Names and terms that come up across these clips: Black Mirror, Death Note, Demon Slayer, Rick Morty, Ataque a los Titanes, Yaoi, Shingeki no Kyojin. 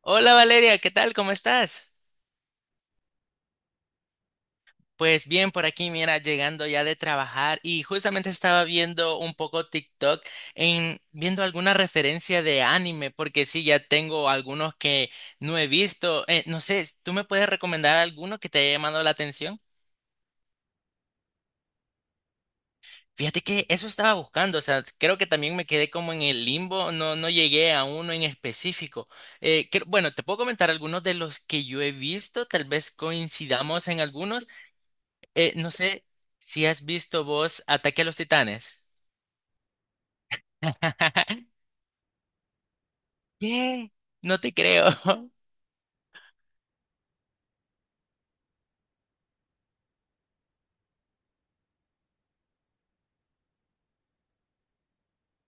Hola Valeria, ¿qué tal? ¿Cómo estás? Pues bien, por aquí, mira, llegando ya de trabajar y justamente estaba viendo un poco TikTok en viendo alguna referencia de anime, porque sí, ya tengo algunos que no he visto. No sé, ¿tú me puedes recomendar alguno que te haya llamado la atención? Fíjate que eso estaba buscando, o sea, creo que también me quedé como en el limbo, no, no llegué a uno en específico. Bueno, te puedo comentar algunos de los que yo he visto, tal vez coincidamos en algunos. No sé si has visto vos Ataque a los Titanes. ¿Qué? No te creo.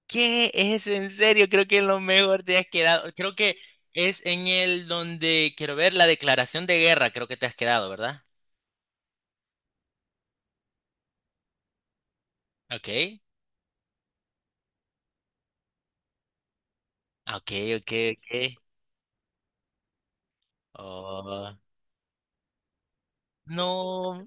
¿Qué es en serio? Creo que en lo mejor te has quedado. Creo que es en el donde quiero ver la declaración de guerra. Creo que te has quedado, ¿verdad? Ok. Ok, ok, ok. Oh. No.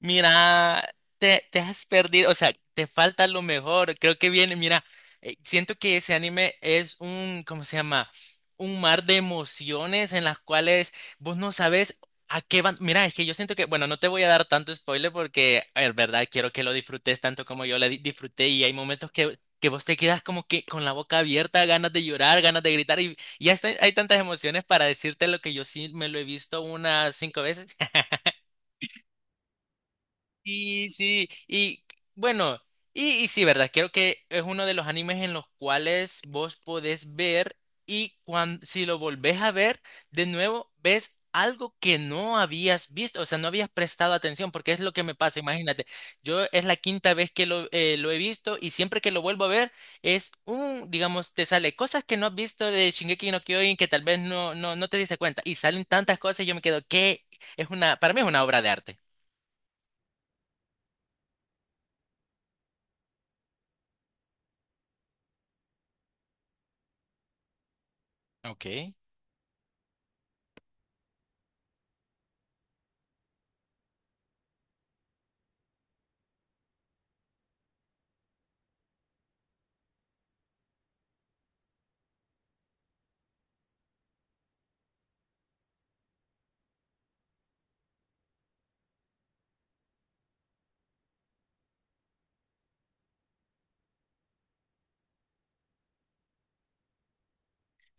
Mira, te has perdido, o sea, te falta lo mejor. Creo que viene, mira, siento que ese anime es un, ¿cómo se llama? Un mar de emociones en las cuales vos no sabes a qué van. Mira, es que yo siento que, bueno, no te voy a dar tanto spoiler porque, en verdad, quiero que lo disfrutes tanto como yo lo disfruté y hay momentos que vos te quedas como que con la boca abierta, ganas de llorar, ganas de gritar y hasta hay tantas emociones para decirte lo que yo sí me lo he visto unas cinco veces. Y sí, y bueno, y sí, ¿verdad? Creo que es uno de los animes en los cuales vos podés ver y si lo volvés a ver, de nuevo ves algo que no habías visto, o sea, no habías prestado atención, porque es lo que me pasa, imagínate. Yo es la quinta vez que lo he visto y siempre que lo vuelvo a ver es un, digamos, te sale cosas que no has visto de Shingeki no Kyojin que tal vez no, no, no te diste cuenta y salen tantas cosas y yo me quedo, que es una, para mí es una obra de arte. Ok.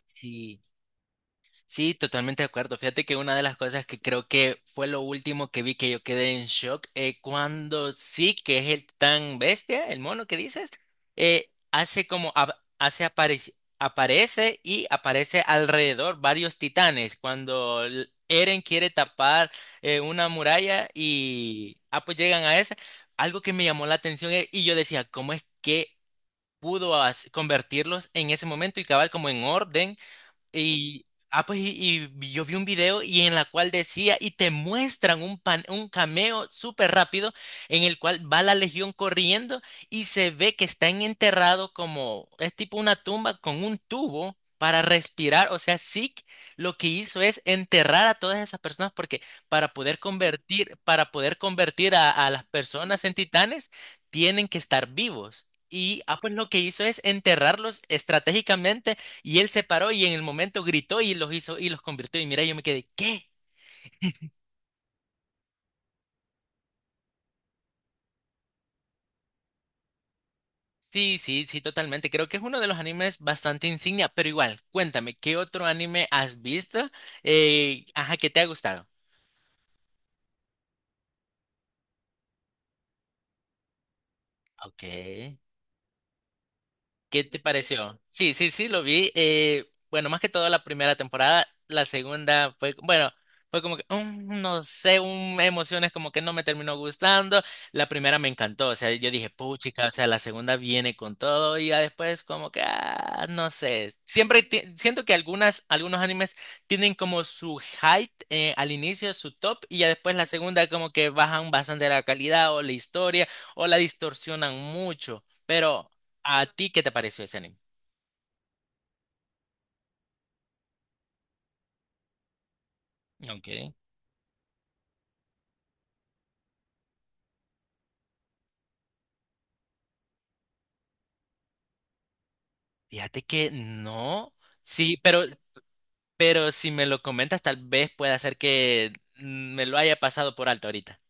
Sí, sí, totalmente de acuerdo. Fíjate que una de las cosas que creo que fue lo último que vi que yo quedé en shock, cuando sí, que es el tan bestia, el mono que dices, hace como, hace aparece, aparece y aparece alrededor varios titanes. Cuando Eren quiere tapar una muralla y, ah, pues llegan a esa, algo que me llamó la atención, y yo decía, ¿cómo es que pudo convertirlos en ese momento y cabal como en orden? Y, pues, yo vi un video y en la cual decía, y te muestran un cameo súper rápido en el cual va la legión corriendo y se ve que están enterrados como, es tipo una tumba con un tubo para respirar. O sea, Zeke lo que hizo es enterrar a todas esas personas porque para poder convertir a las personas en titanes, tienen que estar vivos. Y, pues, lo que hizo es enterrarlos estratégicamente y él se paró y en el momento gritó y los hizo y los convirtió. Y mira, yo me quedé, ¿qué? Sí, sí, sí, totalmente. Creo que es uno de los animes bastante insignia, pero igual, cuéntame, ¿qué otro anime has visto? Ajá, ¿que te ha gustado? Ok. ¿Qué te pareció? Sí, sí, sí, lo vi. Bueno, más que todo la primera temporada, la segunda fue, bueno, fue como que, no sé, un, emociones como que no me terminó gustando. La primera me encantó, o sea, yo dije, puchica, o sea, la segunda viene con todo y ya después como que, ah, no sé. Siempre siento que algunos animes tienen como su height, al inicio, su top, y ya después la segunda como que bajan bastante la calidad o la historia o la distorsionan mucho. Pero ¿a ti qué te pareció ese anime? Okay. Fíjate que no. Sí, pero si me lo comentas, tal vez pueda ser que me lo haya pasado por alto ahorita.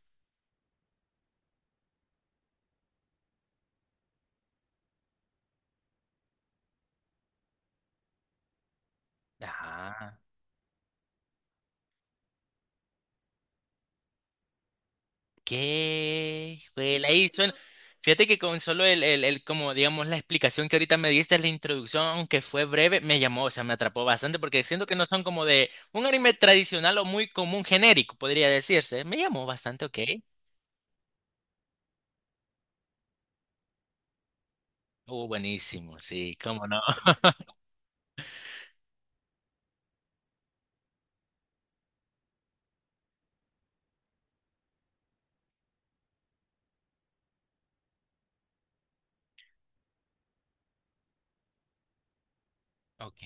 Ajá. Qué juela. Ahí suena. Fíjate que con solo el, como digamos, la explicación que ahorita me diste, la introducción, aunque fue breve, me llamó, o sea, me atrapó bastante, porque siento que no son como de un anime tradicional o muy común genérico, podría decirse. Me llamó bastante, ok. Buenísimo, sí, cómo no. Ok,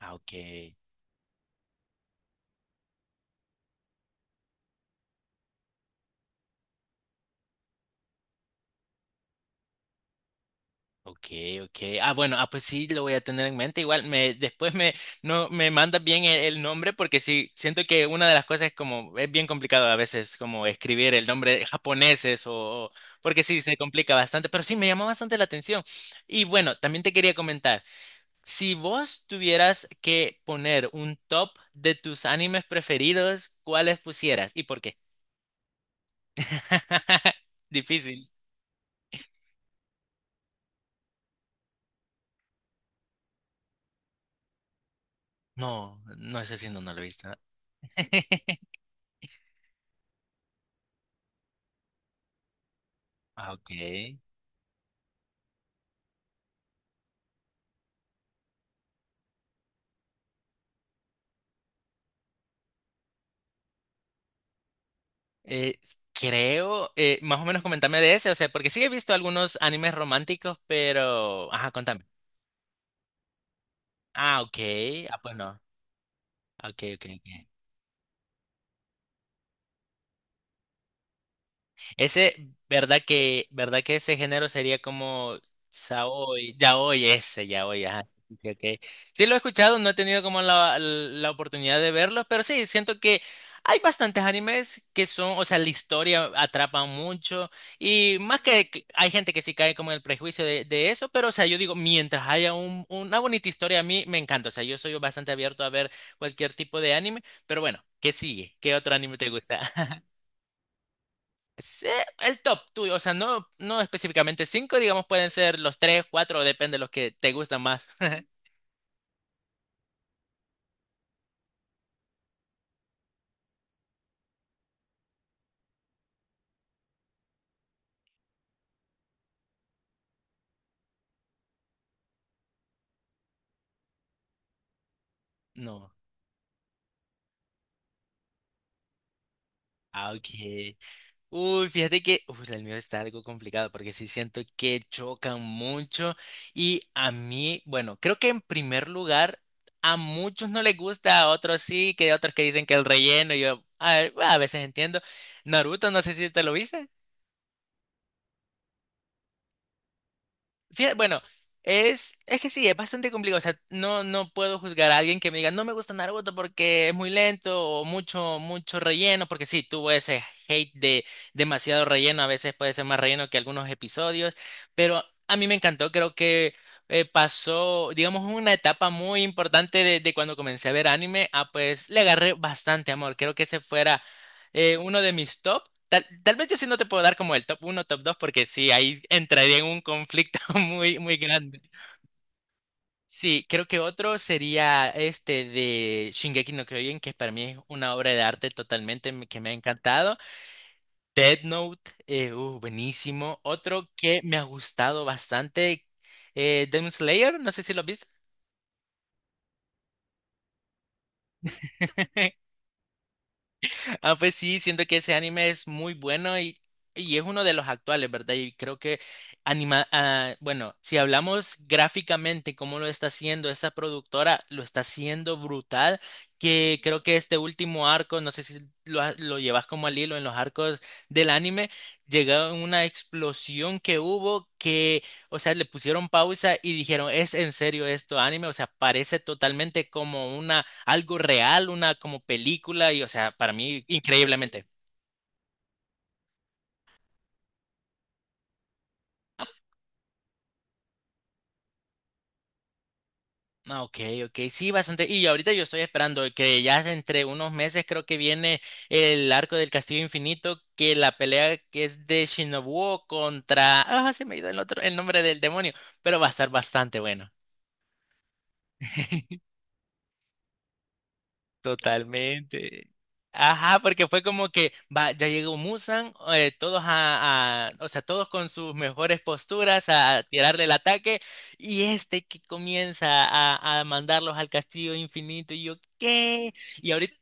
ah, ok. Ok, ok. Ah, bueno, ah, pues sí, lo voy a tener en mente. Igual me, después me, no, me mandas bien el nombre porque sí, siento que una de las cosas es como, es bien complicado a veces como escribir el nombre de japoneses o- porque sí, se complica bastante, pero sí, me llamó bastante la atención. Y bueno, también te quería comentar, si vos tuvieras que poner un top de tus animes preferidos, ¿cuáles pusieras y por qué? Difícil. No, no, ese sí no, no lo he visto. Ah, ok. Eh, Creo, más o menos comentame de ese, o sea, porque sí he visto algunos animes románticos, pero... Ajá, contame. Ah, ok. Ah, pues no. Ok, ok, ok. Ese, ¿verdad que ese género sería como Saoy, Yaoi, ese, Yaoi, ajá? Sí, sí, ok. Sí lo he escuchado, no he tenido como la oportunidad de verlos, pero sí, siento que hay bastantes animes que son, o sea, la historia atrapa mucho y más que hay gente que sí cae como en el prejuicio de eso, pero o sea, yo digo, mientras haya una bonita historia, a mí me encanta, o sea, yo soy bastante abierto a ver cualquier tipo de anime, pero bueno, ¿qué sigue? ¿Qué otro anime te gusta? Sí, el top tuyo, o sea, no, no específicamente cinco, digamos, pueden ser los tres, cuatro, depende de los que te gustan más. No. Ah, ok. Uy, fíjate que el mío está algo complicado porque sí siento que chocan mucho y a mí, bueno, creo que en primer lugar a muchos no les gusta, a otros sí, que hay otros que dicen que el relleno, y yo a veces entiendo. Naruto, no sé si te lo viste. Fíjate, bueno, es que sí, es bastante complicado. O sea, no, no puedo juzgar a alguien que me diga, no me gusta Naruto porque es muy lento o mucho, mucho relleno, porque sí, tuvo ese hate de demasiado relleno, a veces puede ser más relleno que algunos episodios, pero a mí me encantó, creo que pasó, digamos, una etapa muy importante de cuando comencé a ver anime, a pues le agarré bastante amor, creo que ese fuera uno de mis top. Tal vez yo sí no te puedo dar como el top uno top 2 porque sí, ahí entraría en un conflicto muy, muy grande. Sí, creo que otro sería este de Shingeki no Kyojin, que para mí es una obra de arte totalmente que me ha encantado. Death Note, buenísimo. Otro que me ha gustado bastante, Demon Slayer, no sé si lo has visto. Ah, pues sí, siento que ese anime es muy bueno y es uno de los actuales, ¿verdad? Y creo que ah, bueno, si hablamos gráficamente cómo lo está haciendo esa productora, lo está haciendo brutal, que creo que este último arco, no sé si lo llevas como al hilo en los arcos del anime, llegó una explosión que hubo que, o sea, le pusieron pausa y dijeron, ¿es en serio esto anime? O sea, parece totalmente como una algo real, una como película, y o sea, para mí, increíblemente. Ah, ok, ok, sí, bastante. Y ahorita yo estoy esperando que ya entre unos meses creo que viene el Arco del Castillo Infinito, que la pelea que es de Shinobu contra... Ah, se me ha ido el otro, el nombre del demonio, pero va a estar bastante bueno. Totalmente. Ajá, porque fue como que va, ya llegó Musan, todos a- o sea, todos con sus mejores posturas a tirarle el ataque, y este que comienza a mandarlos al castillo infinito, y yo, ¿qué? Y ahorita,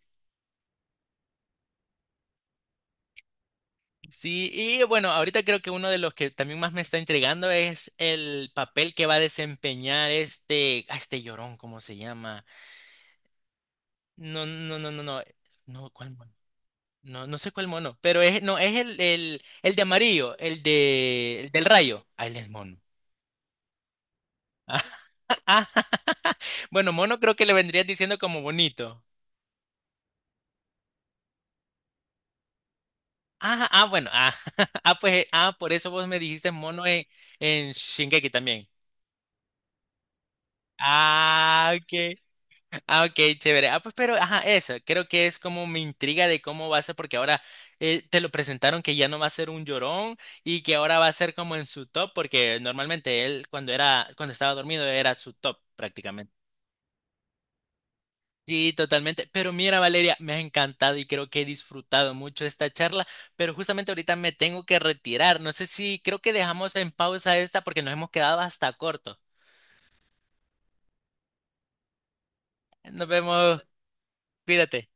sí, y bueno, ahorita creo que uno de los que también más me está intrigando es el papel que va a desempeñar este, a este llorón, ¿cómo se llama? No, no, no, no, no, no, ¿cuál? No, no sé cuál mono, pero es, no, es el de amarillo, el de, el del rayo. Ah, él es mono. Ah, ah, Bueno, mono creo que le vendrías diciendo como bonito. Ah, ah, bueno, ah, ah, pues, ah, por eso vos me dijiste mono en Shingeki también. Ah, ok. Ah, ok, chévere. Ah, pues, pero, ajá, eso, creo que es como mi intriga de cómo va a ser, porque ahora te lo presentaron que ya no va a ser un llorón y que ahora va a ser como en su top, porque normalmente él cuando era, cuando estaba dormido era su top prácticamente. Sí, totalmente. Pero mira, Valeria, me ha encantado y creo que he disfrutado mucho esta charla, pero justamente ahorita me tengo que retirar. No sé si creo que dejamos en pausa esta porque nos hemos quedado hasta corto. Nos vemos, cuídate.